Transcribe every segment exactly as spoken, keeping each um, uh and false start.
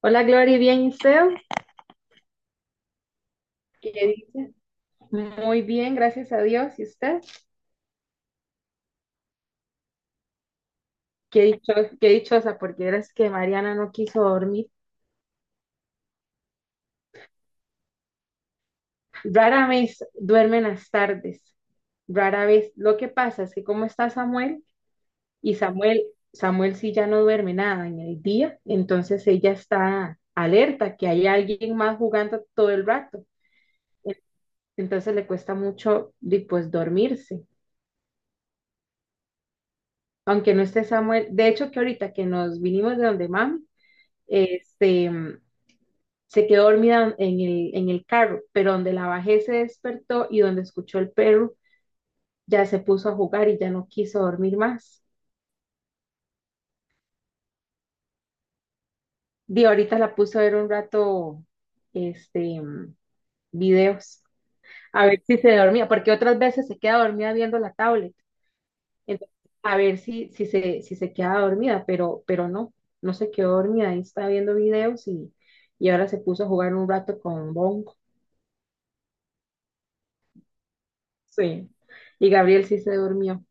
Hola Glory, bien, ¿y usted? ¿Qué dice? Muy bien, gracias a Dios. ¿Y usted? Qué dicho, qué dichosa, porque verás que Mariana no quiso dormir. Rara vez duermen las tardes, rara vez. Lo que pasa es que como está Samuel, y Samuel, Samuel sí ya no duerme nada en el día, entonces ella está alerta que hay alguien más jugando todo el rato. Entonces le cuesta mucho, di, pues, dormirse. Aunque no esté Samuel, de hecho que ahorita que nos vinimos de donde mami, este, se quedó dormida en el, en el carro, pero donde la bajé se despertó y donde escuchó el perro ya se puso a jugar y ya no quiso dormir más. Y ahorita la puse a ver un rato, este, videos, a ver si se dormía, porque otras veces se queda dormida viendo la tablet. Entonces, a ver si, si se, si se queda dormida, pero, pero no, no se quedó dormida, ahí está viendo videos y, y ahora se puso a jugar un rato con Bongo. Sí. Y Gabriel sí se durmió.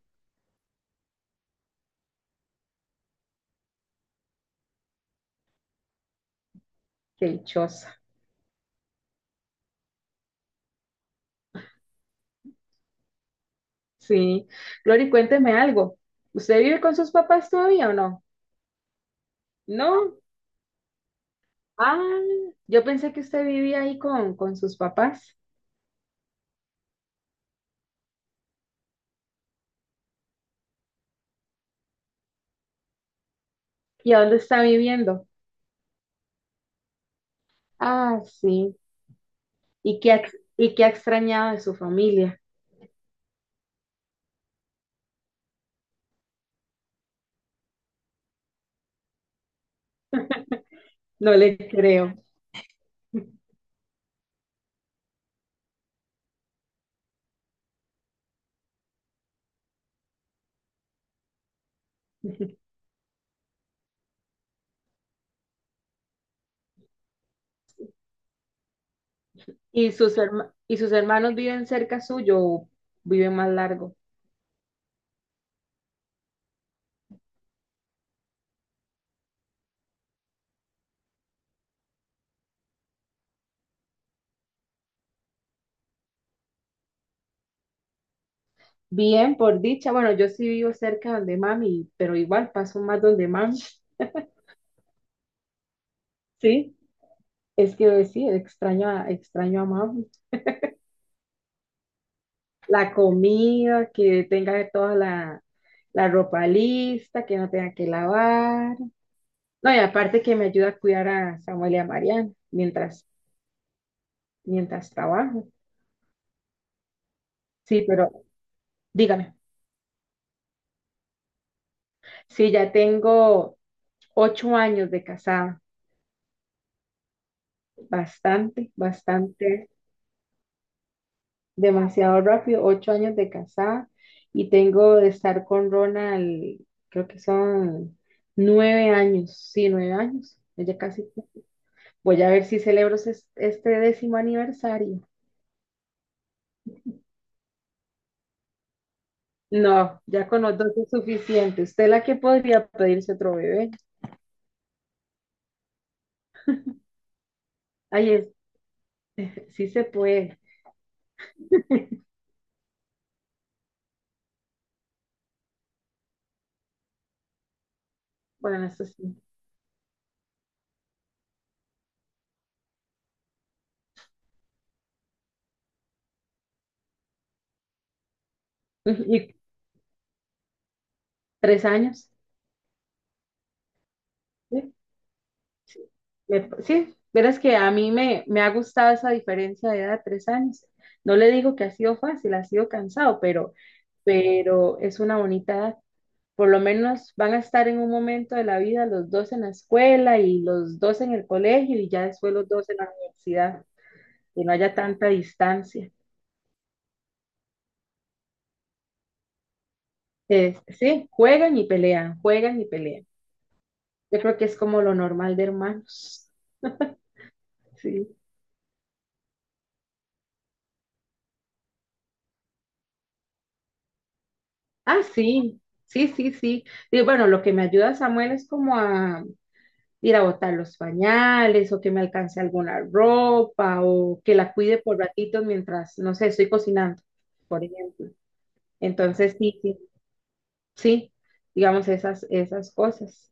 Qué dichosa. Sí. Glory, cuénteme algo. ¿Usted vive con sus papás todavía o no? No. Ah, yo pensé que usted vivía ahí con, con sus papás. ¿Y a dónde está viviendo? Ah, sí. ¿Y qué ha, y qué ha extrañado de su familia? No le creo. ¿Y sus herma- y sus hermanos viven cerca suyo o viven más largo? Bien, por dicha. Bueno, yo sí vivo cerca donde mami, pero igual paso más donde mami. Sí, es que sí, extraño a, extraño a mamá. La comida, que tenga toda la, la ropa lista, que no tenga que lavar. No, y aparte que me ayuda a cuidar a Samuel y a Mariana mientras, mientras trabajo. Sí, pero dígame, si ya tengo ocho años de casada, bastante, bastante, demasiado rápido, ocho años de casada y tengo de estar con Ronald, creo que son nueve años, sí, nueve años, ya casi. Voy a ver si celebro ses- este décimo aniversario. No, ya con los dos es suficiente. Usted la que podría pedirse otro bebé. Ay, es, sí se puede. Bueno, eso sí. ¿Y tres años? Sí, sí. Me- sí, verás que a mí me, me ha gustado esa diferencia de edad, tres años. No le digo que ha sido fácil, ha sido cansado, pero, pero es una bonita edad. Por lo menos van a estar en un momento de la vida los dos en la escuela y los dos en el colegio y ya después los dos en la universidad y no haya tanta distancia. Eh, sí, juegan y pelean, juegan y pelean. Yo creo que es como lo normal de hermanos. Sí. Ah, sí, sí, sí, sí. Y bueno, lo que me ayuda Samuel es como a ir a botar los pañales o que me alcance alguna ropa o que la cuide por ratitos mientras, no sé, estoy cocinando, por ejemplo. Entonces, sí, sí, sí, digamos esas, esas cosas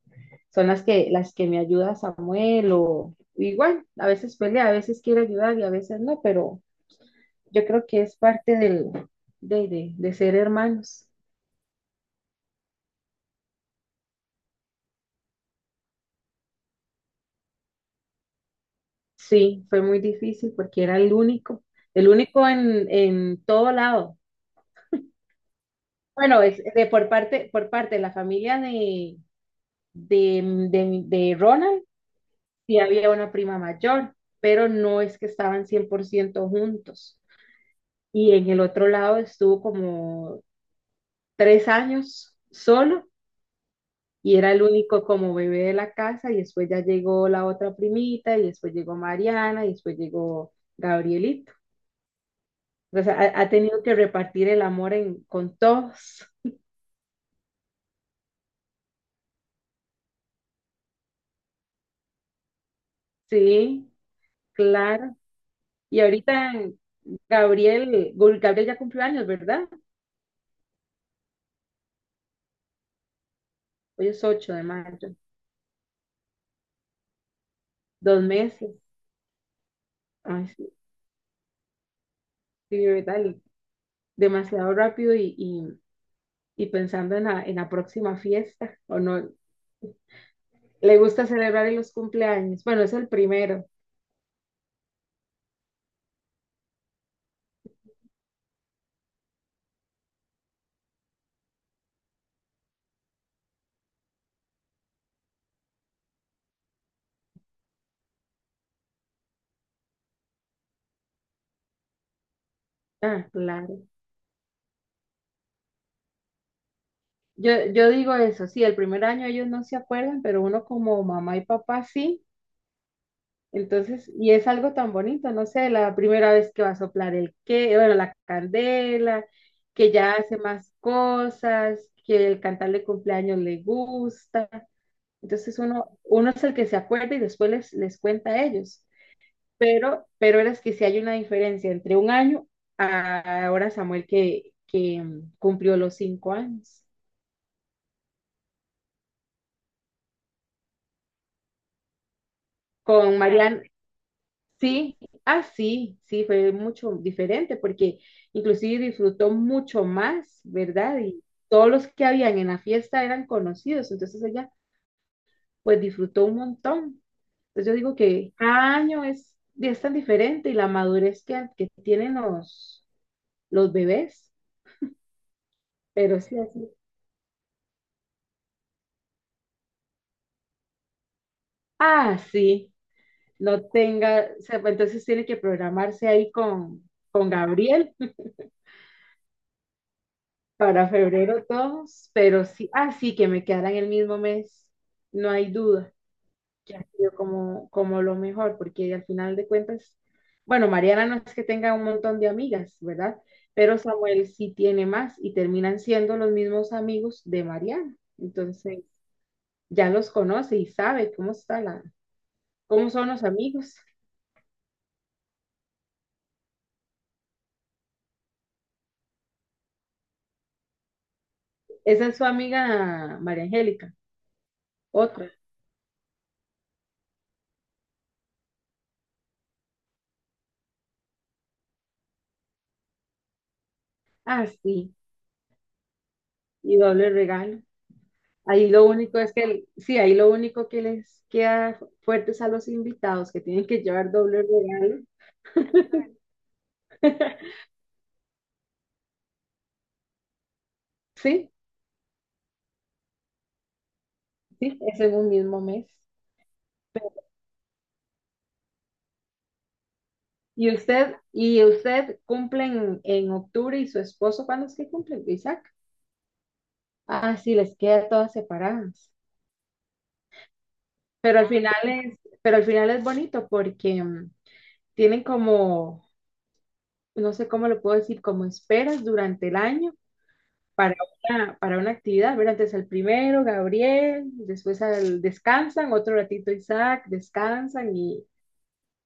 son las que, las que me ayuda Samuel o igual, a veces pelea, a veces quiere ayudar y a veces no, pero yo creo que es parte del, de, de, de ser hermanos. Sí, fue muy difícil porque era el único, el único en, en todo lado. Bueno, es de, por parte, por parte de la familia de, de, de, de Ronald, sí había una prima mayor, pero no es que estaban cien por ciento juntos. Y en el otro lado estuvo como tres años solo y era el único como bebé de la casa y después ya llegó la otra primita y después llegó Mariana y después llegó Gabrielito. O sea, ha, ha tenido que repartir el amor en, con todos, sí, claro. Y ahorita Gabriel, Gabriel ya cumplió años, ¿verdad? Hoy es ocho de mayo, dos meses. Ay, sí, sí, ¿verdad? Demasiado rápido y, y y pensando en la, en la próxima fiesta, ¿o no? ¿Le gusta celebrar en los cumpleaños? Bueno, es el primero. Ah, claro. Yo, yo digo eso, sí, el primer año ellos no se acuerdan, pero uno como mamá y papá sí. Entonces, y es algo tan bonito, no sé, la primera vez que va a soplar el que, bueno, la candela, que ya hace más cosas, que el cantarle cumpleaños le gusta. Entonces uno, uno es el que se acuerda y después les, les cuenta a ellos. Pero, pero eras que sí hay una diferencia entre un año a ahora Samuel que, que mm, cumplió los cinco años. Con Ah, Mariana, sí, ah, sí, sí, fue mucho diferente porque inclusive disfrutó mucho más, ¿verdad? Y todos los que habían en la fiesta eran conocidos, entonces ella pues disfrutó un montón. Entonces yo digo que cada año es, es tan diferente y la madurez que, que tienen los, los bebés, pero sí, así. Ah, sí. No tenga, o sea, pues, entonces tiene que programarse ahí con, con Gabriel para febrero todos, pero sí, ah, sí, que me quedaran el mismo mes, no hay duda, que ha sido como, como lo mejor, porque al final de cuentas, bueno, Mariana no es que tenga un montón de amigas, ¿verdad? Pero Samuel sí tiene más y terminan siendo los mismos amigos de Mariana, entonces ya los conoce y sabe cómo está la, cómo son los amigos. Esa es su amiga María Angélica, otra. Ah, sí, y doble regalo. Ahí lo único es que, el- Sí, ahí lo único que les queda fuertes a los invitados que tienen que llevar doble regalo. Sí, sí, es en un mismo mes. ¿Y usted, ¿y usted cumple en, en octubre y su esposo cuándo es que cumple, Isaac? Ah, sí, les queda todas separadas. Pero al final es, pero al final es bonito porque mm, tienen como, no sé cómo lo puedo decir, como esperas durante el año para una, para una actividad, ¿verdad? Entonces al primero, Gabriel, después al descansan, otro ratito Isaac, descansan y,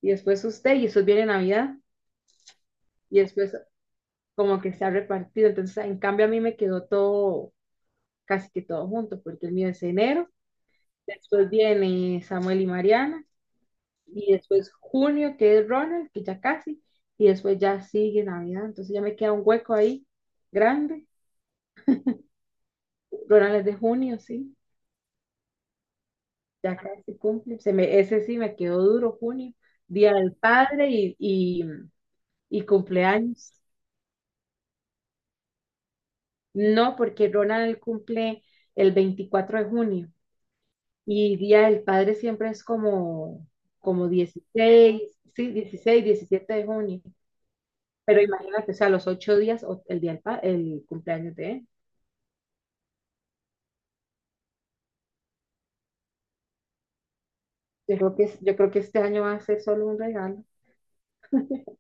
y después usted, y eso viene Navidad, y después como que se ha repartido. Entonces, en cambio, a mí me quedó todo, casi que todo junto, porque el mío es enero, después viene Samuel y Mariana, y después junio, que es Ronald, que ya casi, y después ya sigue Navidad. Entonces ya me queda un hueco ahí grande. Ronald es de junio, sí. Ya casi cumple, se me, ese sí me quedó duro, junio, Día del Padre y, y, y cumpleaños. No, porque Ronald cumple el veinticuatro de junio y Día del Padre siempre es como, como dieciséis, sí, dieciséis, diecisiete de junio. Pero imagínate, o sea, los ocho días, o- el día del pa- el cumpleaños de él. Yo creo que, es- yo creo que este año va a ser solo un regalo.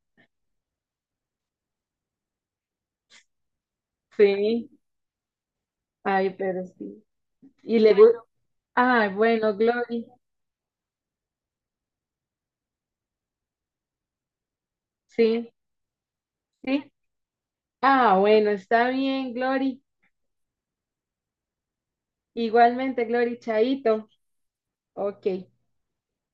Sí, ay, pero sí. Y le gusta. Ay, bueno, Glory, sí, sí, ah, bueno, está bien, Glory. Igualmente, Glory, chaito. Ok.